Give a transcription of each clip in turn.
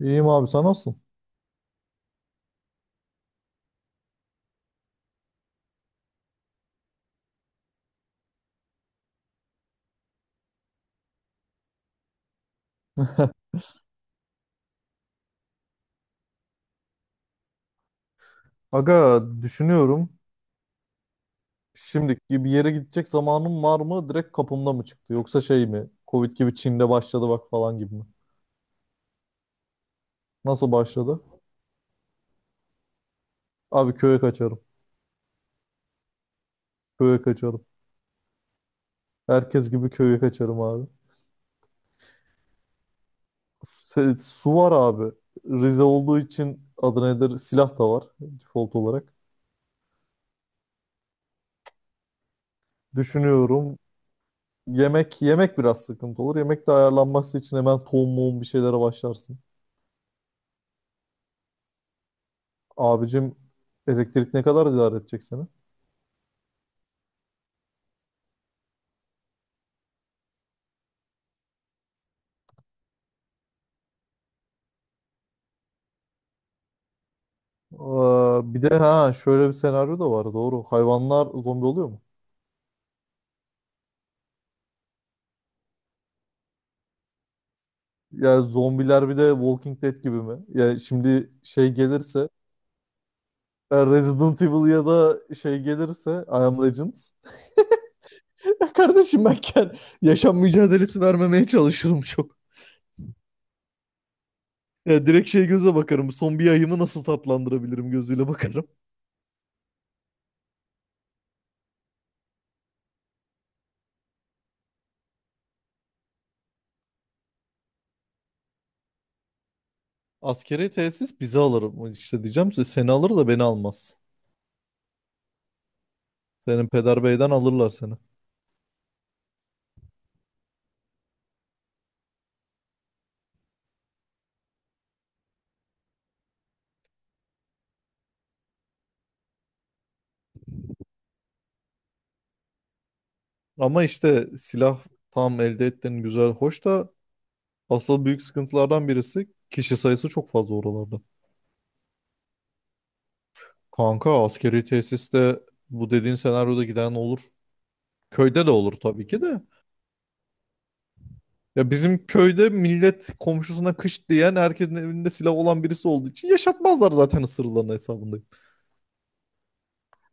İyiyim abi sen nasılsın? Aga düşünüyorum. Şimdiki bir yere gidecek zamanım var mı? Direkt kapımda mı çıktı? Yoksa şey mi? Covid gibi Çin'de başladı bak falan gibi mi? Nasıl başladı? Abi köye kaçarım. Köye kaçarım. Herkes gibi köye kaçarım abi. Su var abi. Rize olduğu için adı nedir? Silah da var default olarak. Düşünüyorum. Yemek yemek biraz sıkıntı olur. Yemek de ayarlanması için hemen tohum muhum bir şeylere başlarsın. Abicim elektrik ne kadar idare edecek seni? Aa, bir de ha şöyle bir senaryo da var doğru. Hayvanlar zombi oluyor mu? Ya zombiler bir de Walking Dead gibi mi? Ya şimdi şey gelirse e, Resident Evil ya da şey gelirse I Am Legend. Ya kardeşim yaşam mücadelesi vermemeye çalışırım çok. Ya direkt şey göze bakarım. Son bir ayımı nasıl tatlandırabilirim gözüyle bakarım. Askeri tesis bizi alırım. İşte diyeceğim size seni alır da beni almaz. Senin peder beyden alırlar seni. Ama işte silah tam elde ettiğin güzel, hoş da asıl büyük sıkıntılardan birisi kişi sayısı çok fazla oralarda. Kanka askeri tesiste bu dediğin senaryoda giden olur. Köyde de olur tabii ki de. Ya bizim köyde millet komşusuna kış diyen herkesin evinde silah olan birisi olduğu için yaşatmazlar zaten ısırılan hesabındayım.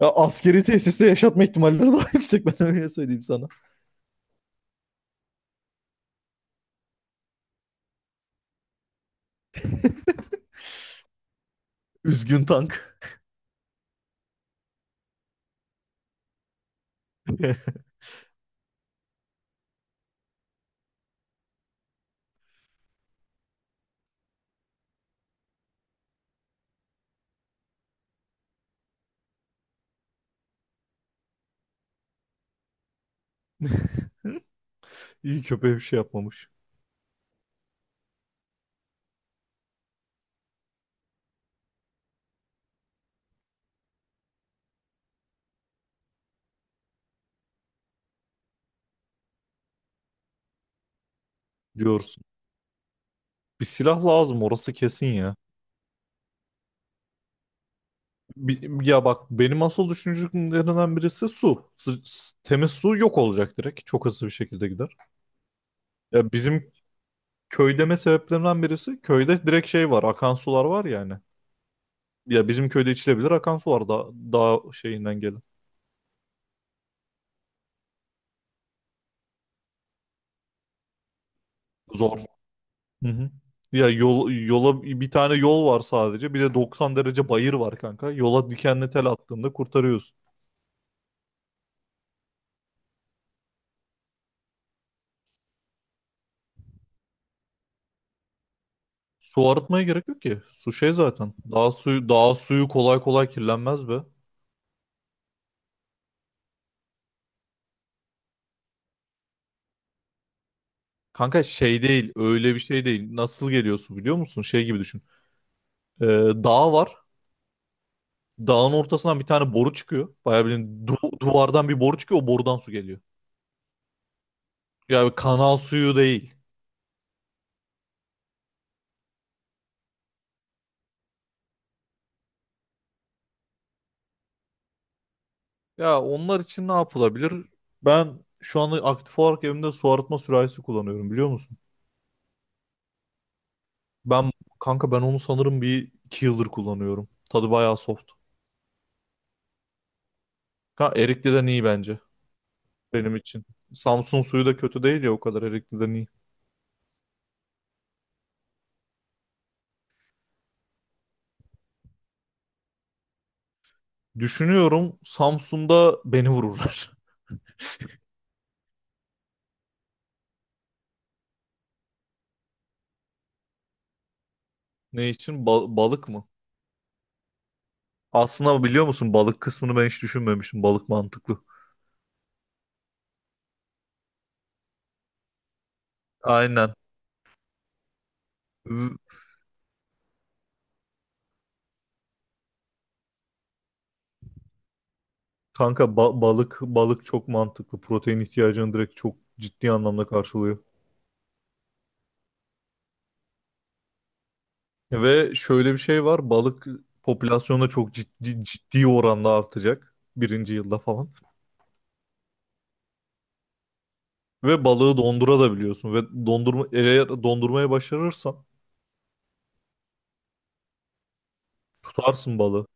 Ya askeri tesiste yaşatma ihtimalleri daha yüksek ben öyle söyleyeyim sana. Üzgün tank. İyi köpeğe bir şey yapmamış diyorsun. Bir silah lazım orası kesin ya. Ya bak benim asıl düşüncelerimden birisi su. Temiz su yok olacak direkt. Çok hızlı bir şekilde gider. Ya bizim köy deme sebeplerinden birisi köyde direkt şey var. Akan sular var yani. Ya bizim köyde içilebilir akan su var da daha şeyinden gelin. Zor. Hı hı. Yola bir tane yol var sadece. Bir de 90 derece bayır var kanka. Yola dikenli tel attığında kurtarıyorsun. Su arıtmaya gerek yok ki. Su şey zaten. Daha suyu kolay kolay kirlenmez be. Kanka şey değil, öyle bir şey değil. Nasıl geliyorsun biliyor musun? Şey gibi düşün. Ee, dağ var. Dağın ortasından bir tane boru çıkıyor. Bayağı bilin duvardan bir boru çıkıyor. O borudan su geliyor. Yani kanal suyu değil. Ya onlar için ne yapılabilir? Ben şu anda aktif olarak evimde su arıtma sürahisi kullanıyorum biliyor musun? Ben kanka ben onu sanırım bir iki yıldır kullanıyorum. Tadı bayağı soft. Ha, Erikli'den iyi bence benim için. Samsun suyu da kötü değil ya o kadar Erikli'den iyi. Düşünüyorum Samsun'da beni vururlar. Ne için? Balık mı? Aslında biliyor musun balık kısmını ben hiç düşünmemiştim. Balık mantıklı. Aynen. V- Kanka balık çok mantıklı. Protein ihtiyacını direkt çok ciddi anlamda karşılıyor. Ve şöyle bir şey var. Balık popülasyonda çok ciddi ciddi oranda artacak. Birinci yılda falan. Ve balığı dondurabiliyorsun. Ve dondurma eğer dondurmaya başarırsan tutarsın balığı.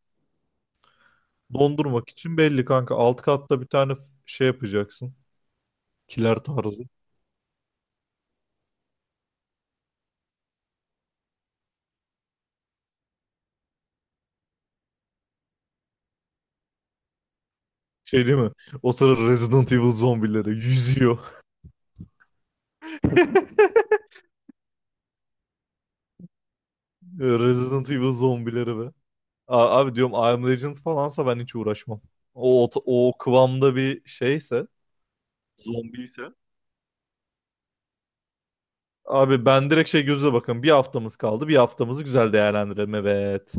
Dondurmak için belli kanka. Alt katta bir tane şey yapacaksın. Kiler tarzı. Şey değil mi? O sıra Resident Evil zombileri yüzüyor. Resident Evil zombileri be. Abi diyorum I Am Legend falansa ben hiç uğraşmam. O kıvamda bir şeyse, zombiyse. Abi ben direkt şey gözle bakın. Bir haftamız kaldı. Bir haftamızı güzel değerlendirelim. Evet.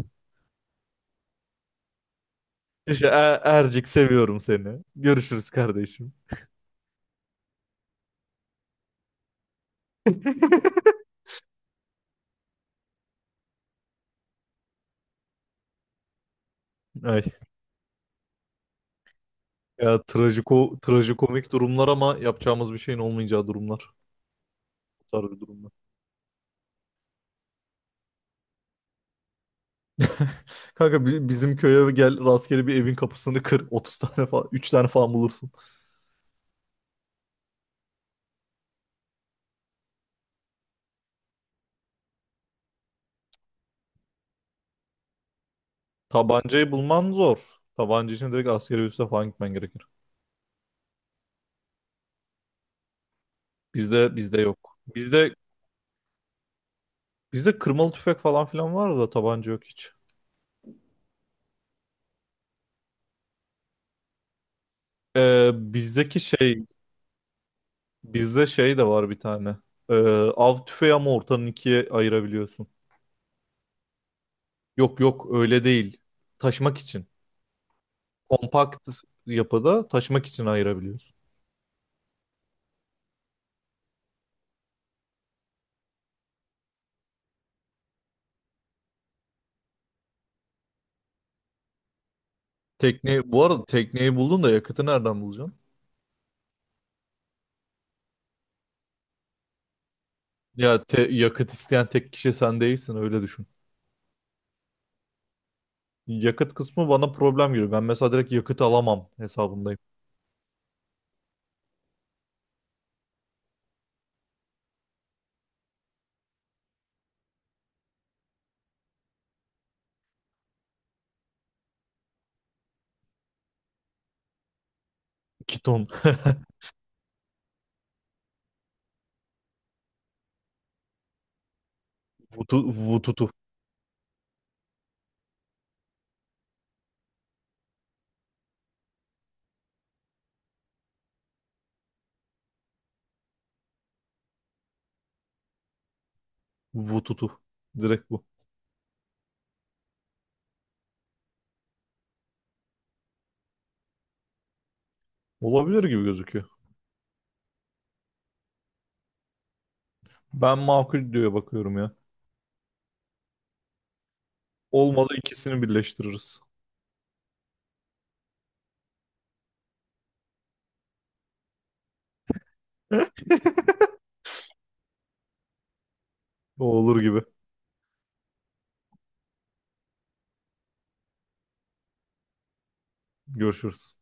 İşte Ercik seviyorum seni. Görüşürüz kardeşim. Ay. Ya trajikomik durumlar ama yapacağımız bir şeyin olmayacağı durumlar. Bu tarz bir durumlar. Kanka bizim köye gel rastgele bir evin kapısını kır. Otuz tane falan 3 tane falan bulursun. Tabancayı bulman zor. Tabanca için direkt askeri üste falan gitmen gerekir. Bizde yok. Bizde kırmalı tüfek falan filan var da tabanca yok hiç. Ee, bizdeki şey bizde şey de var bir tane. Ee, av tüfeği ama ortanın ikiye ayırabiliyorsun. Yok yok öyle değil. Taşımak için. Kompakt yapıda taşımak için ayırabiliyorsun. Bu arada tekneyi buldun da yakıtı nereden bulacaksın? Ya yakıt isteyen tek kişi sen değilsin öyle düşün. Yakıt kısmı bana problem gibi. Ben mesela direkt yakıt alamam hesabındayım. 2 ton. Vututu. Vututu. Direkt bu. Olabilir gibi gözüküyor. Ben makul diye bakıyorum ya. Olmadı ikisini birleştiririz. O olur gibi. Görüşürüz.